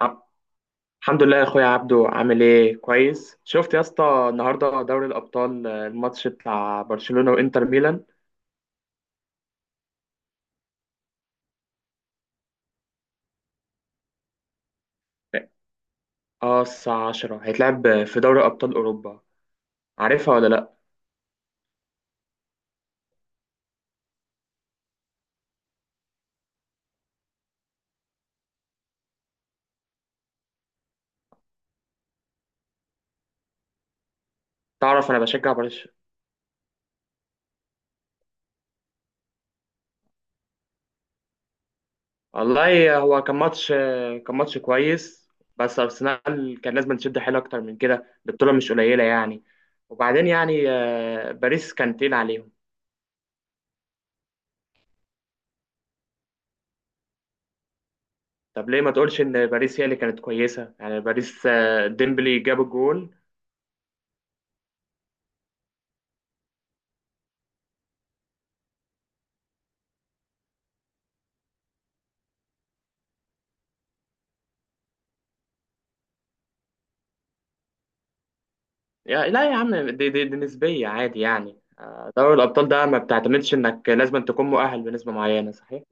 ع- الحمد لله يا اخويا عبدو، عامل ايه؟ كويس. شفت يا اسطى النهارده دوري الابطال، الماتش بتاع برشلونة وانتر ميلان. اه، الساعة 10 هيتلعب في دوري ابطال اوروبا. عارفها ولا لا؟ تعرف انا بشجع برشلونة. والله هو كان ماتش، كان ماتش كويس، بس ارسنال كان لازم تشد حيل اكتر من كده، البطولة مش قليلة يعني. وبعدين يعني باريس كان تقيل عليهم. طب ليه ما تقولش ان باريس هي اللي كانت كويسة؟ يعني باريس ديمبلي جاب الجول. يا لا يا عم، دي نسبية عادي يعني. دوري الأبطال ده ما بتعتمدش إنك لازم تكون مؤهل بنسبة معينة، صحيح؟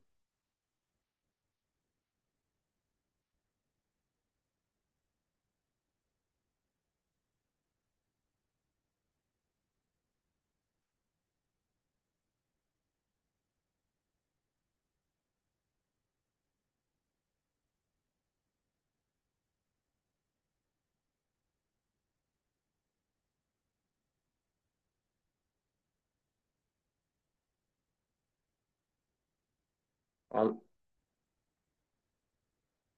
وال-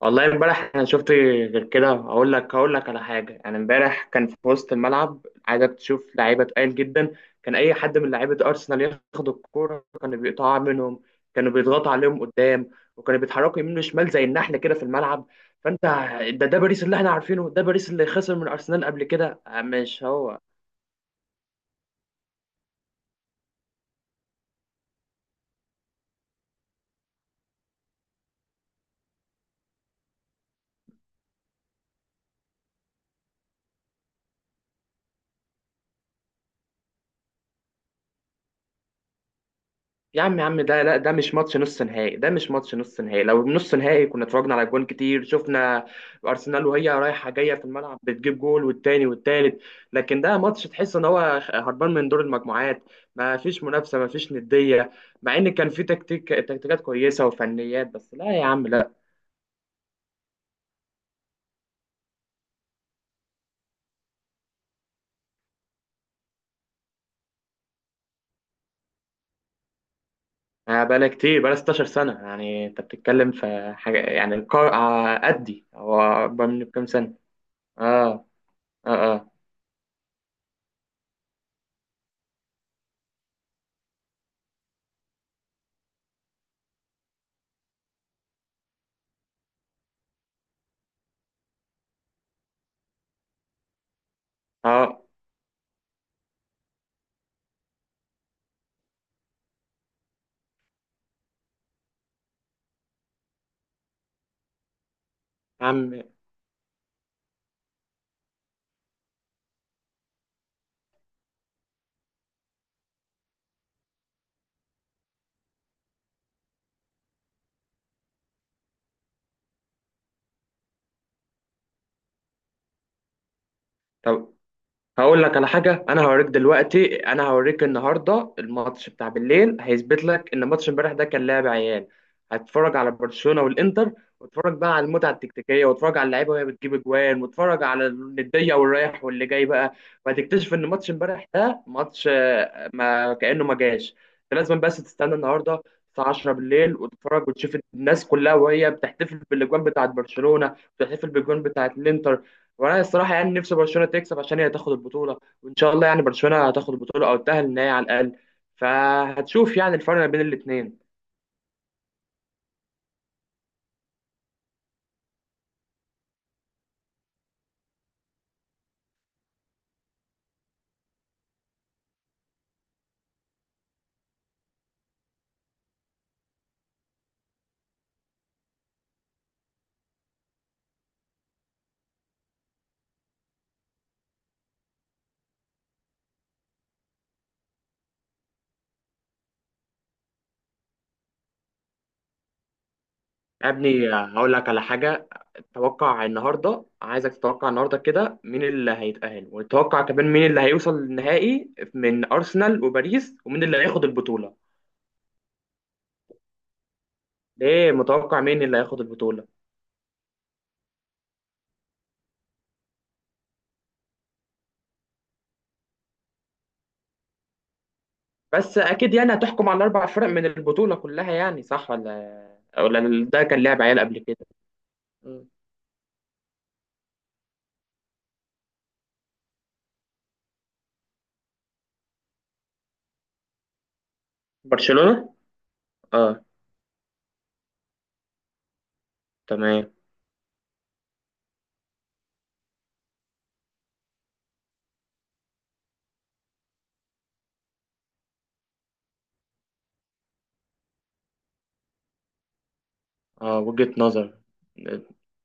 والله امبارح أنا شفت غير كده. هقول لك، هقول لك على حاجة يعني. امبارح كان في وسط الملعب، عايزك تشوف لعيبة تقال جدا. كان أي حد من لعيبة أرسنال ياخد الكورة كانوا بيقطعوا منهم، كانوا بيضغطوا عليهم قدام، وكانوا بيتحركوا يمين وشمال زي النحلة كده في الملعب. فأنت، ده باريس اللي احنا عارفينه، ده باريس اللي خسر من أرسنال قبل كده، مش هو؟ يا عم يا عم، ده لا، ده مش ماتش نص نهائي، ده مش ماتش نص نهائي. لو نص نهائي كنا اتفرجنا على جوان كتير، شفنا ارسنال وهي رايحه جايه في الملعب بتجيب جول والتاني والتالت. لكن ده ماتش تحس ان هو هربان من دور المجموعات. ما فيش منافسه، ما فيش نديه. مع ان كان في تكتيك، تكتيكات كويسه وفنيات، بس لا يا عم لا. بقالها كتير، بقالها 16 سنه يعني. انت بتتكلم في حاجه، يعني القار آه، قدي هو اكبر مني بكام سنه. اه. اه. اه. اه. يا عم، طب هقول لك على حاجة، أنا هوريك دلوقتي، أنا هوريك النهاردة الماتش بتاع بالليل هيثبت لك إن ماتش امبارح ده كان لعب عيال. هتتفرج على برشلونة والإنتر، واتفرج بقى على المتعة التكتيكية، واتفرج على اللعيبة وهي بتجيب أجوان، واتفرج على الندية والرايح واللي جاي بقى، وهتكتشف إن ماتش امبارح ده ماتش ما كأنه ما جاش. أنت لازم بس تستنى النهاردة الساعة 10 بالليل وتتفرج وتشوف الناس كلها وهي بتحتفل بالأجوان بتاعت برشلونة، بتحتفل بالأجوان بتاعت الإنتر. وانا الصراحه يعني نفسي برشلونه تكسب عشان هي تاخد البطوله، وان شاء الله يعني برشلونه هتاخد البطوله او تاهل النهائي على الاقل. فهتشوف يعني الفرق ما بين الاثنين. يا ابني، هقول لك على حاجه. توقع النهارده، عايزك تتوقع النهارده كده مين اللي هيتاهل، وتتوقع كمان مين اللي هيوصل للنهائي من ارسنال وباريس، ومين اللي هياخد البطوله. ليه متوقع مين اللي هياخد البطوله؟ بس اكيد يعني هتحكم على الاربع فرق من البطوله كلها يعني، صح ولا؟ ولا ده كان لعب عيال قبل كده؟ مم. برشلونه. اه. تمام. اه، وجهة نظر.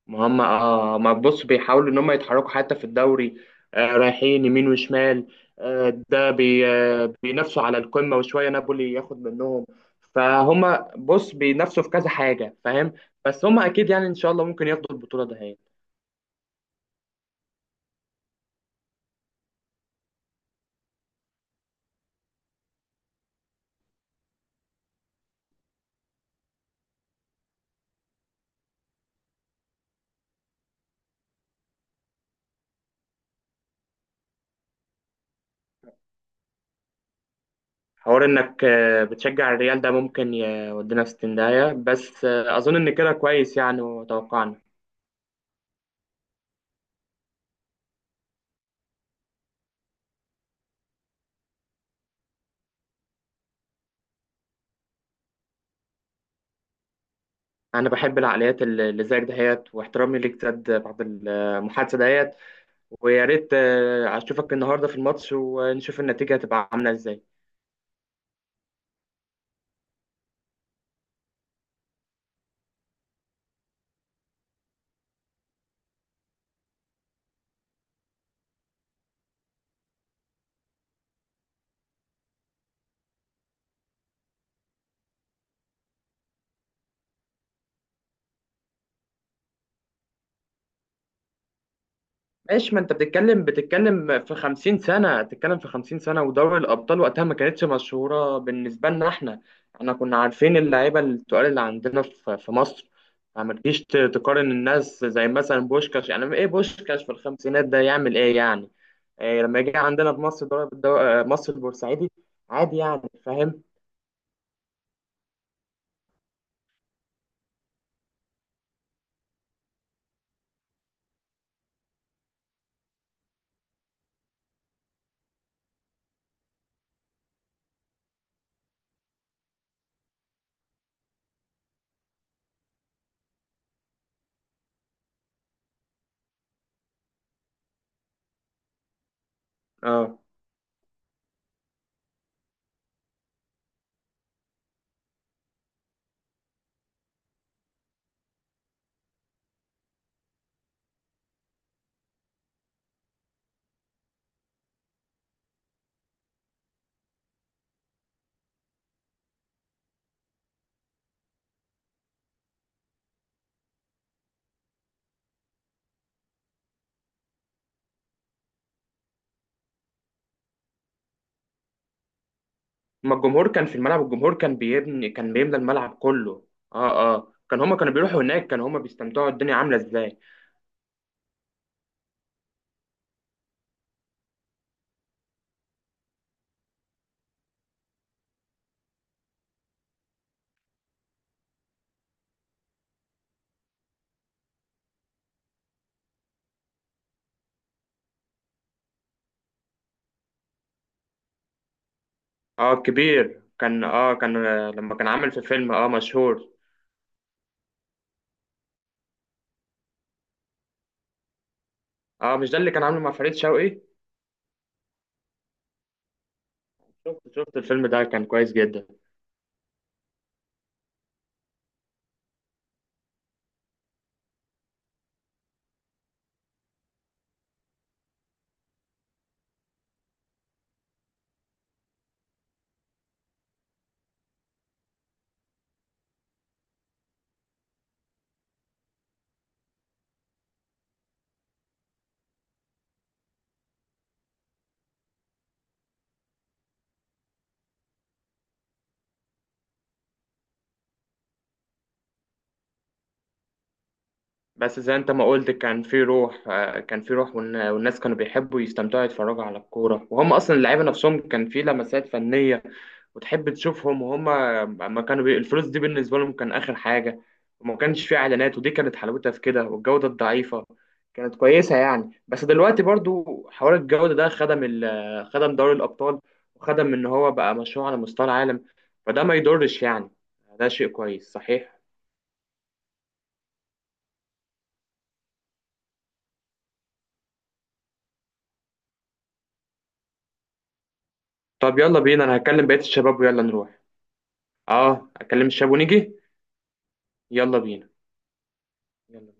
ما هم، اه. ما بص، بيحاولوا ان هم يتحركوا حتى في الدوري، رايحين يمين وشمال، آه ده بي آه بينافسوا على القمة، وشوية نابولي ياخد منهم. فهم بص بينافسوا في كذا حاجة، فاهم؟ بس هم اكيد يعني ان شاء الله ممكن ياخدوا البطولة ده هي. حوار انك بتشجع الريال ده ممكن يودينا في 60 داهية، بس اظن ان كده كويس يعني، وتوقعنا. انا بحب العقليات اللي زيك دهيت، واحترامي ليك زاد بعد المحادثة دهيت. ويا ريت اشوفك النهارده في الماتش ونشوف النتيجه هتبقى عامله ازاي. ماشي. ما انت بتتكلم في 50 سنه، بتتكلم في 50 سنه. ودوري الابطال وقتها ما كانتش مشهوره بالنسبه لنا احنا. احنا كنا عارفين اللعيبه التقال اللي عندنا في في مصر. فما تجيش تقارن الناس زي مثلا بوشكاش. يعني ايه بوشكاش في الخمسينات ده يعمل ايه يعني؟ إيه لما يجي عندنا في مصر، ضرب الدو... آه، مصر البورسعيدي عادي يعني، فاهم؟ اه. ما الجمهور كان في الملعب، الجمهور كان بيبني، كان بيملى الملعب كله. اه. اه. كان هما كانوا بيروحوا هناك، كانوا هما بيستمتعوا، الدنيا عاملة ازاي. اه. كبير كان، اه. كان آه، لما كان عامل في فيلم اه مشهور. اه، مش ده اللي كان عامله مع فريد شوقي؟ شفت الفيلم ده، كان كويس جدا. بس زي انت ما قلت كان في روح، كان في روح. والناس كانوا بيحبوا يستمتعوا، يتفرجوا على الكورة. وهم اصلا اللعيبة نفسهم كان في لمسات فنية وتحب تشوفهم، وهم ما الفلوس دي بالنسبة لهم كان آخر حاجة. وما كانش فيه إعلانات، ودي كانت حلاوتها في كده. والجودة الضعيفة كانت كويسة يعني. بس دلوقتي برضو حوار الجودة ده خدم خدم دوري الأبطال، وخدم إن هو بقى مشروع على مستوى العالم. فده ما يضرش يعني. ده شيء كويس، صحيح. طب يلا بينا، أنا هكلم بقية الشباب ويلا نروح. اه، اكلم الشاب ونيجي. يلا بينا. يلا بينا.